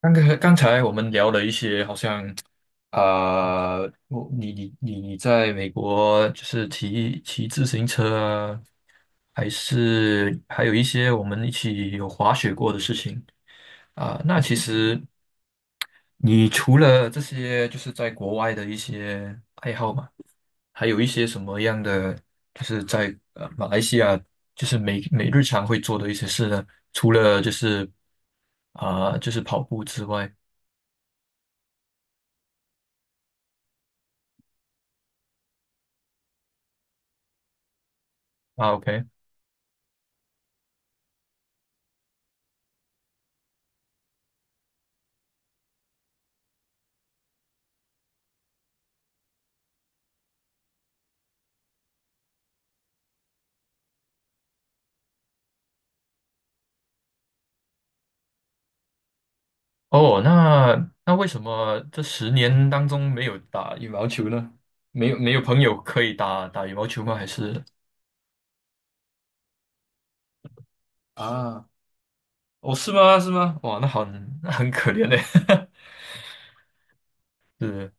刚才我们聊了一些，好像啊、我你在美国就是骑自行车啊，还是还有一些我们一起有滑雪过的事情那其实你除了这些，就是在国外的一些爱好嘛，还有一些什么样的，就是在马来西亚，就是每日常会做的一些事呢？除了就是就是跑步之外。啊，OK。哦，那为什么这十年当中没有打羽毛球呢？没有朋友可以打羽毛球吗？还是啊。哦，是吗？是吗？哇，那很可怜嘞。是。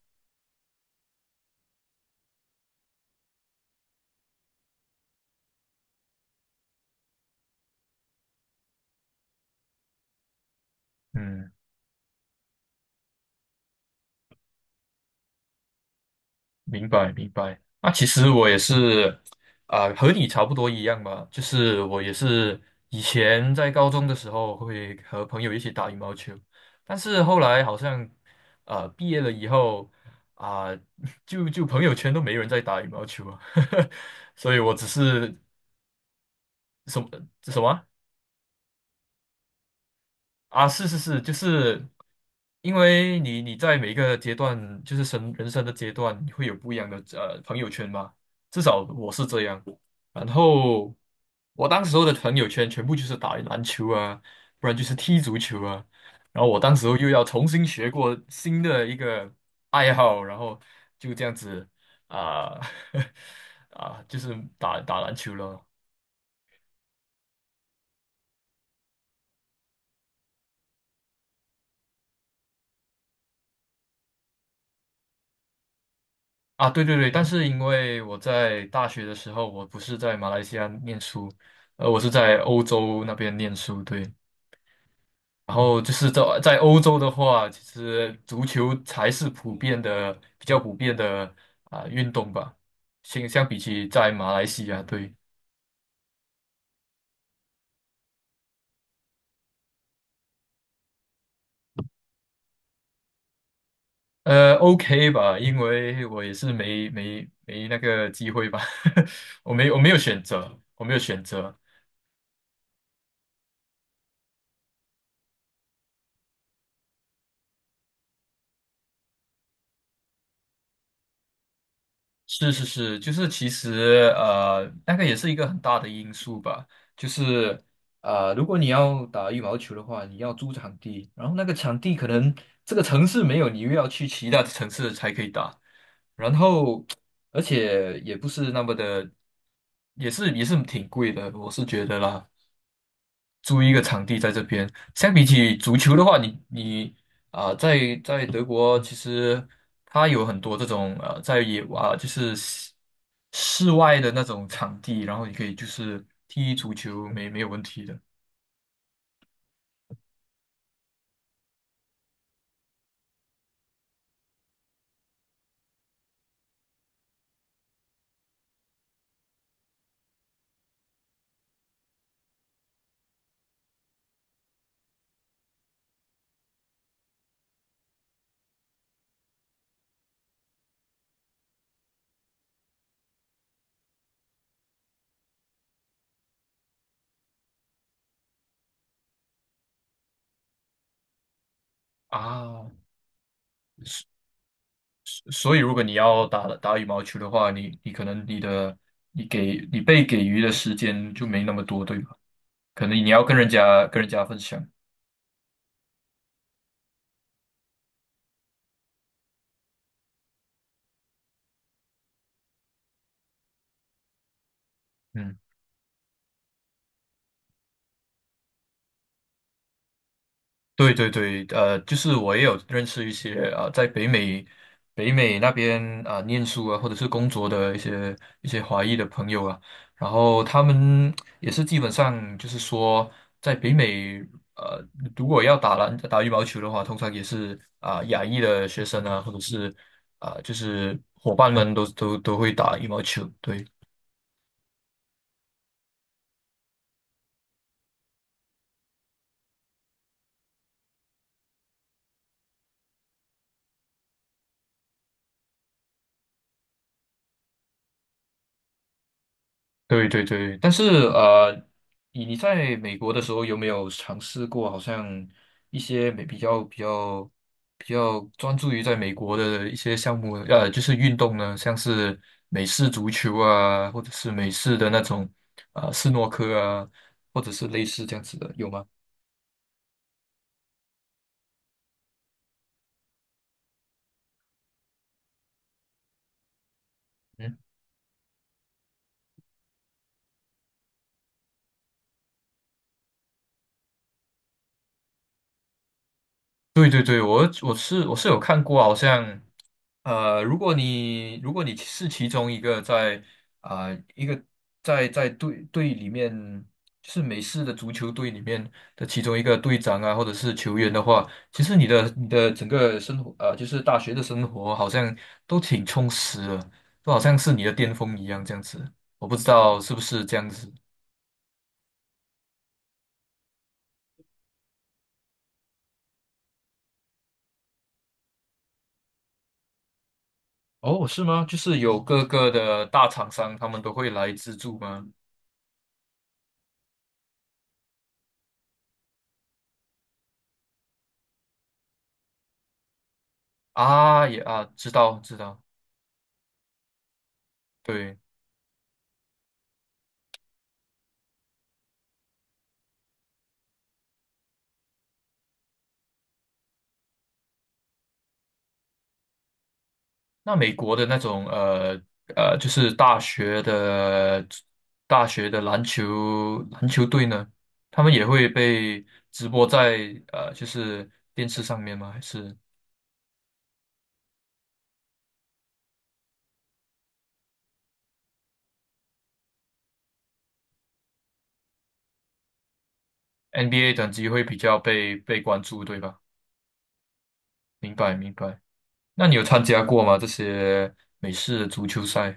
嗯。明白明白。那其实我也是和你差不多一样吧，就是我也是以前在高中的时候会和朋友一起打羽毛球，但是后来好像毕业了以后啊、就朋友圈都没人在打羽毛球了，所以我只是什么什么。啊，是是是，就是因为你你在每一个阶段，就是人生的阶段，你会有不一样的朋友圈嘛。至少我是这样。然后我当时候的朋友圈全部就是打篮球啊，不然就是踢足球啊。然后我当时候又要重新学过新的一个爱好，然后就这样子啊 啊，就是打篮球了。啊，对对对，但是因为我在大学的时候，我不是在马来西亚念书，呃，我是在欧洲那边念书，对。然后就是在欧洲的话，其实足球才是普遍的、比较普遍的运动吧，相比起在马来西亚，对。呃，OK 吧，因为我也是没那个机会吧，我没有选择，我没有选择。是是是，就是其实呃，那个也是一个很大的因素吧。就是呃，如果你要打羽毛球的话，你要租场地，然后那个场地可能这个城市没有，你又要去其他的城市才可以打。然后，而且也不是那么的，也是挺贵的，我是觉得啦。租一个场地在这边。相比起足球的话，你在德国其实它有很多这种呃，在野啊、就是室外的那种场地，然后你可以就是踢足球，没有问题的啊。所以如果你要打羽毛球的话，你可能你给你被给予的时间就没那么多，对吧？可能你要跟人家分享。嗯。对对对，呃，就是我也有认识一些呃，在北美那边念书啊，或者是工作的一些华裔的朋友啊，然后他们也是基本上就是说，在北美呃，如果要打羽毛球的话，通常也是亚裔的学生啊，或者是就是伙伴们都会打羽毛球，对。对对对，但是呃，你你在美国的时候有没有尝试过，好像一些比较专注于在美国的一些项目，呃，就是运动呢，像是美式足球啊，或者是美式的那种斯诺克啊，或者是类似这样子的，有吗？嗯，对对对，我是有看过，好像。呃，如果如果你是其中一个在啊、呃一个在队里面，就是美式的足球队里面的其中一个队长啊，或者是球员的话，其实你的整个生活，呃，就是大学的生活好像都挺充实的，都好像是你的巅峰一样这样子。我不知道是不是这样子。哦，是吗？就是有各个的大厂商，他们都会来资助吗？啊，知道知道，对。那美国的那种呃，就是大学的篮球队呢，他们也会被直播在呃，就是电视上面吗？还是 NBA 等级会比较被关注，对吧？明白明白。那你有参加过吗？这些美式足球赛？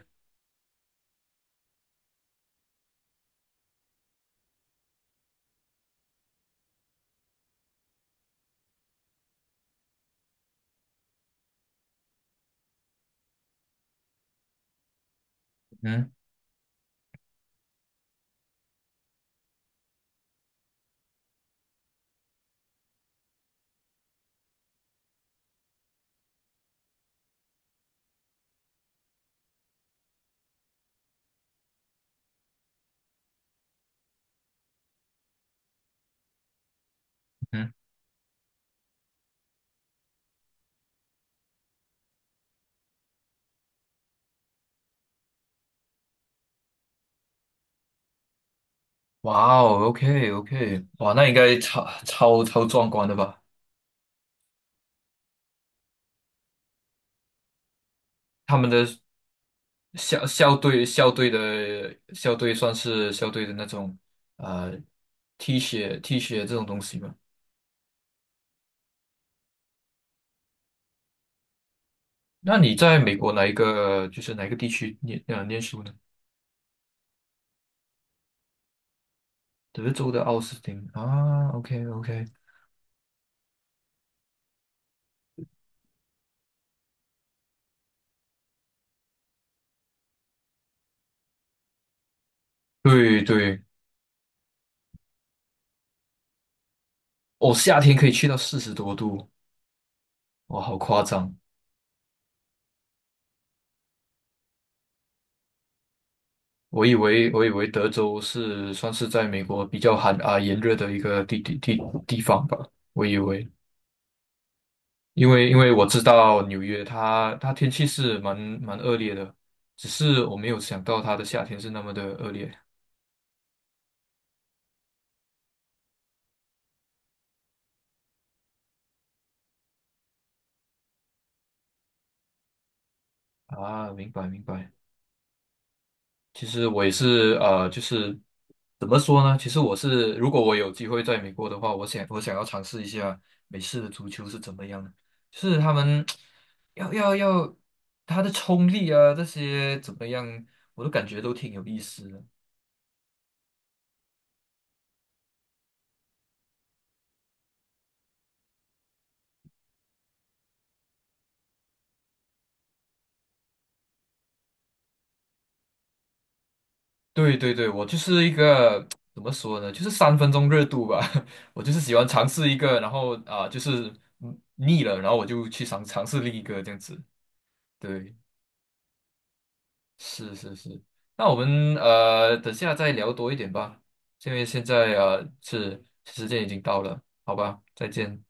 嗯嗯，哇哦，OK OK,哇，那应该超壮观的吧？他们的校队算是校队的那种呃 T 恤 这种东西嘛。那你在美国哪一个就是哪一个地区念念书呢？德州的奥斯汀啊，OK OK,对对。哦，夏天可以去到40多度，哇，好夸张！我以为德州是算是在美国比较炎热的一个地方吧，我以为。因为我知道纽约它天气是蛮恶劣的，只是我没有想到它的夏天是那么的恶劣啊。明白明白。其实我也是呃，就是怎么说呢？其实我是如果我有机会在美国的话，我想要尝试一下美式的足球是怎么样的，就是他们要他的冲力啊这些怎么样，我都感觉都挺有意思的。对对对，我就是一个怎么说呢，就是三分钟热度吧。我就是喜欢尝试一个，然后就是腻了，然后我就去尝试另一个这样子。对，是是是。那我们呃，等下再聊多一点吧，因为现在呃是时间已经到了，好吧，再见。